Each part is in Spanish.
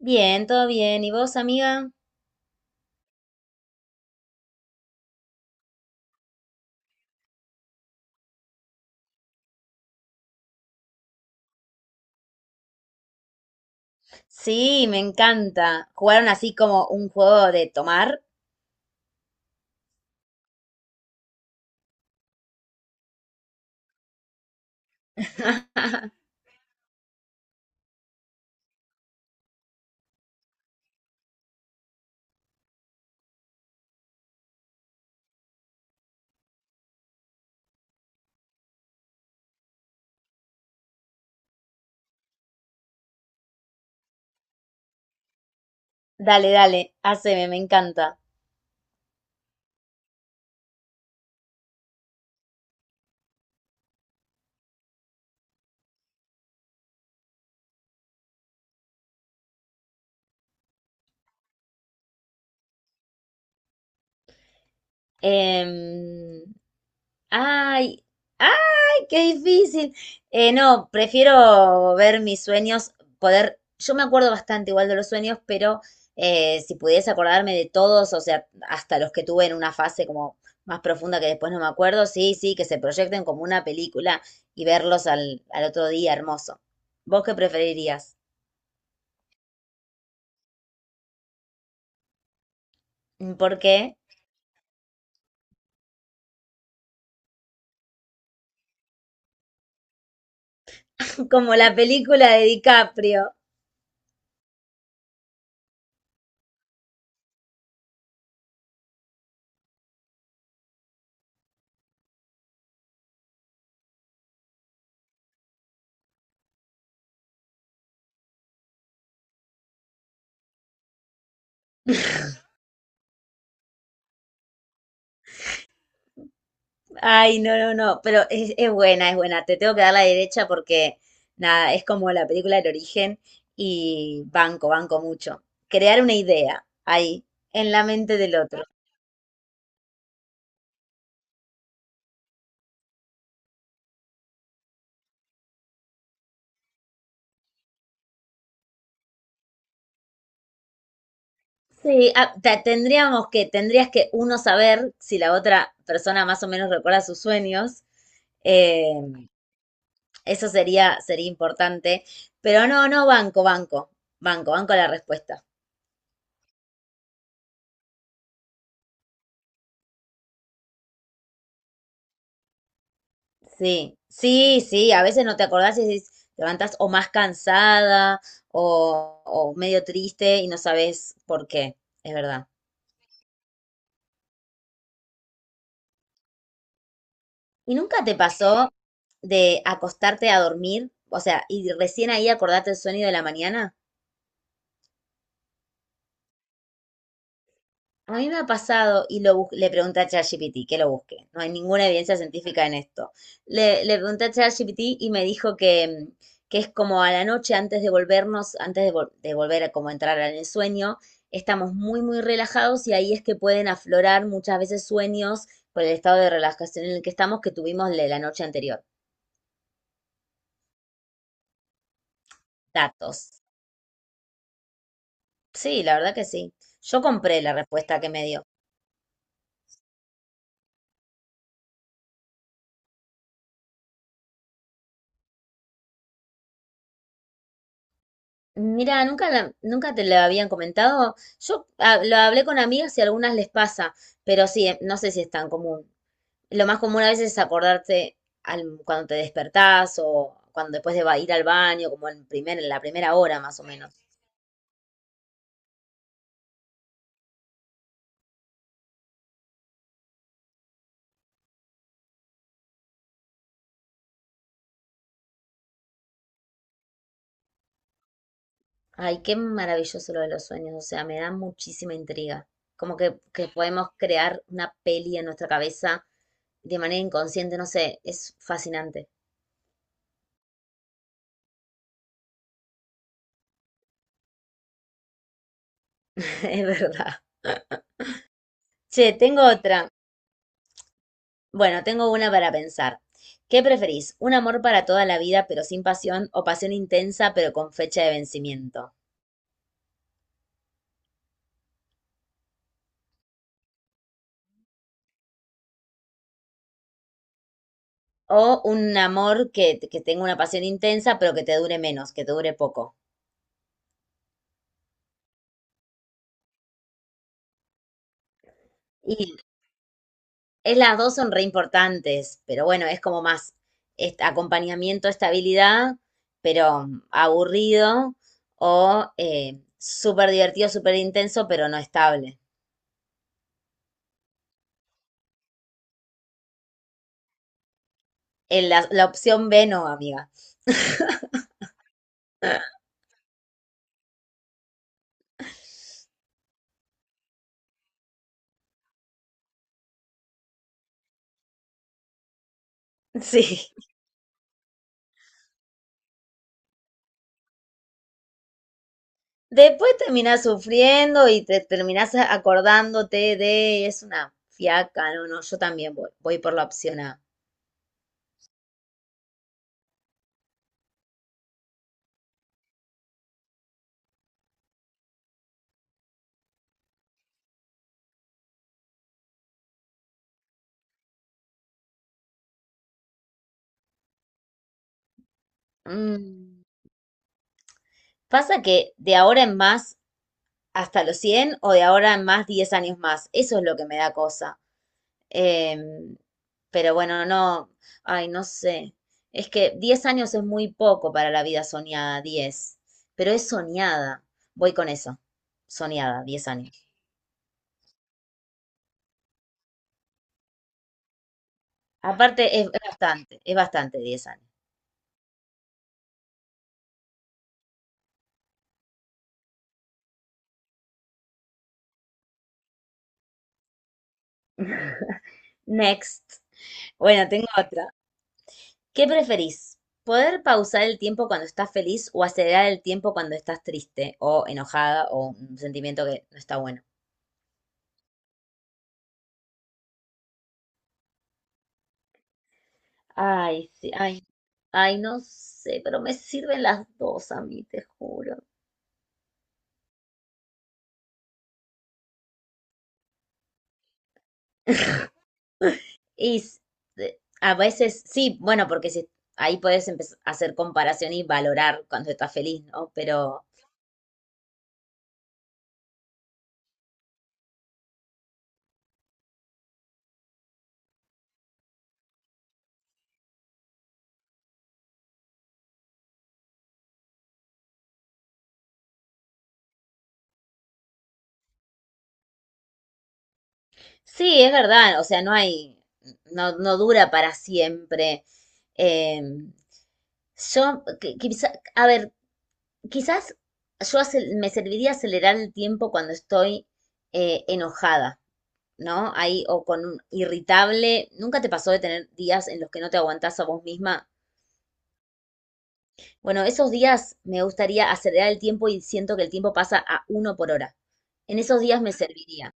Bien, todo bien. ¿Y vos, amiga? Sí, me encanta. ¿Jugaron así como un juego de tomar? Dale, dale, haceme, me encanta. Em, Ay, ay, qué difícil. No, prefiero ver mis sueños, poder, yo me acuerdo bastante igual de los sueños, pero si pudiese acordarme de todos, o sea, hasta los que tuve en una fase como más profunda que después no me acuerdo, sí, sí, que se proyecten como una película y verlos al otro día, hermoso. ¿Vos qué preferirías? ¿Por qué? Como la película de DiCaprio. Ay, no, no, no, pero es buena, es buena. Te tengo que dar la derecha porque, nada, es como la película del origen y banco, banco mucho. Crear una idea ahí, en la mente del otro. Sí, ah, tendríamos tendrías que uno saber si la otra persona más o menos recuerda sus sueños. eh, Eso sería, sería importante. Pero no, no, banco, banco, banco, banco la respuesta. Sí, sí, sí, a veces no te acordás y decís, te levantás o más cansada o medio triste y no sabes por qué, es verdad. ¿Y nunca te pasó de acostarte a dormir? O sea, y recién ahí acordarte el sueño de la mañana. A mí me ha pasado, y lo le pregunté a ChatGPT que lo busque. No hay ninguna evidencia científica en esto. Le pregunté a ChatGPT y me dijo que, que es como a la noche antes de volvernos, antes de, de volver a como entrar en el sueño, estamos muy, muy relajados y ahí es que pueden aflorar muchas veces sueños por el estado de relajación en el que estamos que tuvimos la noche anterior. Datos. Sí, la verdad que sí. Yo compré la respuesta que me dio. Mira, nunca, nunca te lo habían comentado. Yo ah, lo hablé con amigas y a algunas les pasa, pero sí, no sé si es tan común. Lo más común a veces es acordarte cuando te despertás o cuando después de ir al baño, como en primer, en la primera hora más o menos. Ay, qué maravilloso lo de los sueños, o sea, me da muchísima intriga. Como que podemos crear una peli en nuestra cabeza de manera inconsciente, no sé, es fascinante, es verdad. Che, tengo otra. Bueno, tengo una para pensar. ¿Qué preferís? ¿Un amor para toda la vida pero sin pasión o pasión intensa pero con fecha de vencimiento? ¿O un amor que tenga una pasión intensa pero que te dure menos, que te dure poco? Y es, las dos son re importantes, pero bueno, es como más acompañamiento, estabilidad, pero aburrido o súper divertido, súper intenso pero no estable. En la opción B no, amiga. Sí. Después terminás sufriendo y te terminás acordándote de, es una fiaca, no, no, yo también voy, voy por la opción A. Mm. Pasa que de ahora en más hasta los 100 o de ahora en más 10 años más, eso es lo que me da cosa. Em, pero bueno, no, ay, no sé. Es que 10 años es muy poco para la vida soñada, 10 pero es soñada. Voy con eso, soñada, 10 años. Aparte, es bastante 10 años. Next. Bueno, tengo otra. ¿Qué preferís? ¿Poder pausar el tiempo cuando estás feliz o acelerar el tiempo cuando estás triste o enojada o un sentimiento que no está bueno? Ay, sí, ay, ay, no sé, pero me sirven las dos a mí, te juro. Y a veces sí, bueno, porque si, ahí puedes empezar a hacer comparación y valorar cuando estás feliz, ¿no? Pero sí, es verdad, o sea, no hay, no, no dura para siempre. Em, Yo, a ver, quizás yo me serviría acelerar el tiempo cuando estoy enojada, ¿no? Ahí, o con un irritable. ¿Nunca te pasó de tener días en los que no te aguantás a vos misma? Bueno, esos días me gustaría acelerar el tiempo y siento que el tiempo pasa a uno por hora. En esos días me serviría.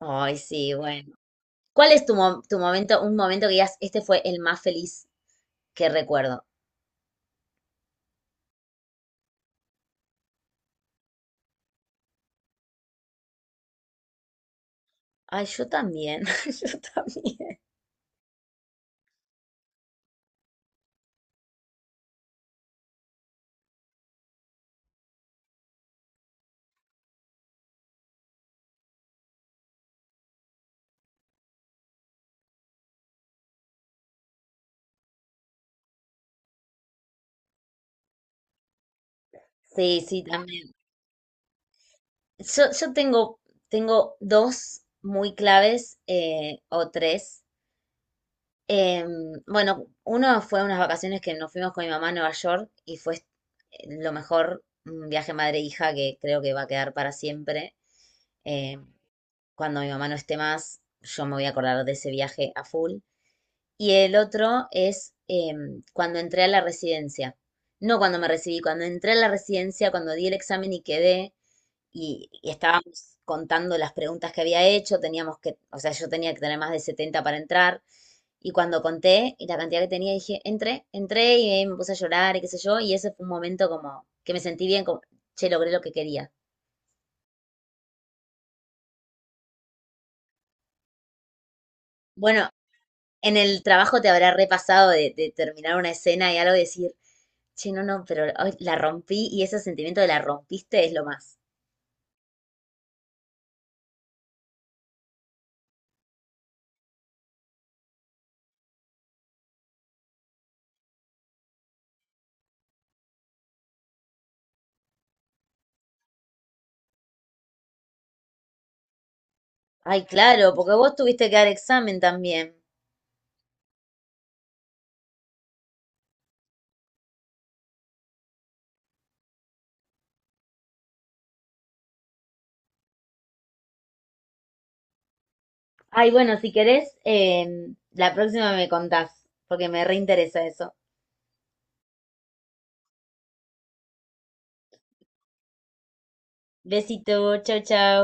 Ay, sí, bueno. ¿Cuál es tu, tu momento, un momento que digas, este fue el más feliz que recuerdo? Ay, yo también, yo también. Sí, sí, Yo, tengo dos muy claves o tres. Eh, bueno, uno fue unas vacaciones que nos fuimos con mi mamá a Nueva York y fue lo mejor, un viaje madre-hija que creo que va a quedar para siempre. Eh, Cuando mi mamá no esté más, yo me voy a acordar de ese viaje a full. Y el otro es cuando entré a la residencia. No cuando me recibí, cuando entré a la residencia, cuando di el examen y quedé, y estábamos contando las preguntas que había hecho, teníamos que, o sea, yo tenía que tener más de 70 para entrar, y cuando conté y la cantidad que tenía, dije, entré, entré y me puse a llorar y qué sé yo, y ese fue un momento como que me sentí bien, como, che, logré lo que quería. Bueno, en el trabajo te habrá repasado de terminar una escena y algo y decir, che, no, no, pero ay, la rompí y ese sentimiento de la rompiste es lo más. Ay, claro, porque vos tuviste que dar examen también. Ay, bueno, si querés, la próxima me contás, porque me reinteresa eso. Besito, chao, chao.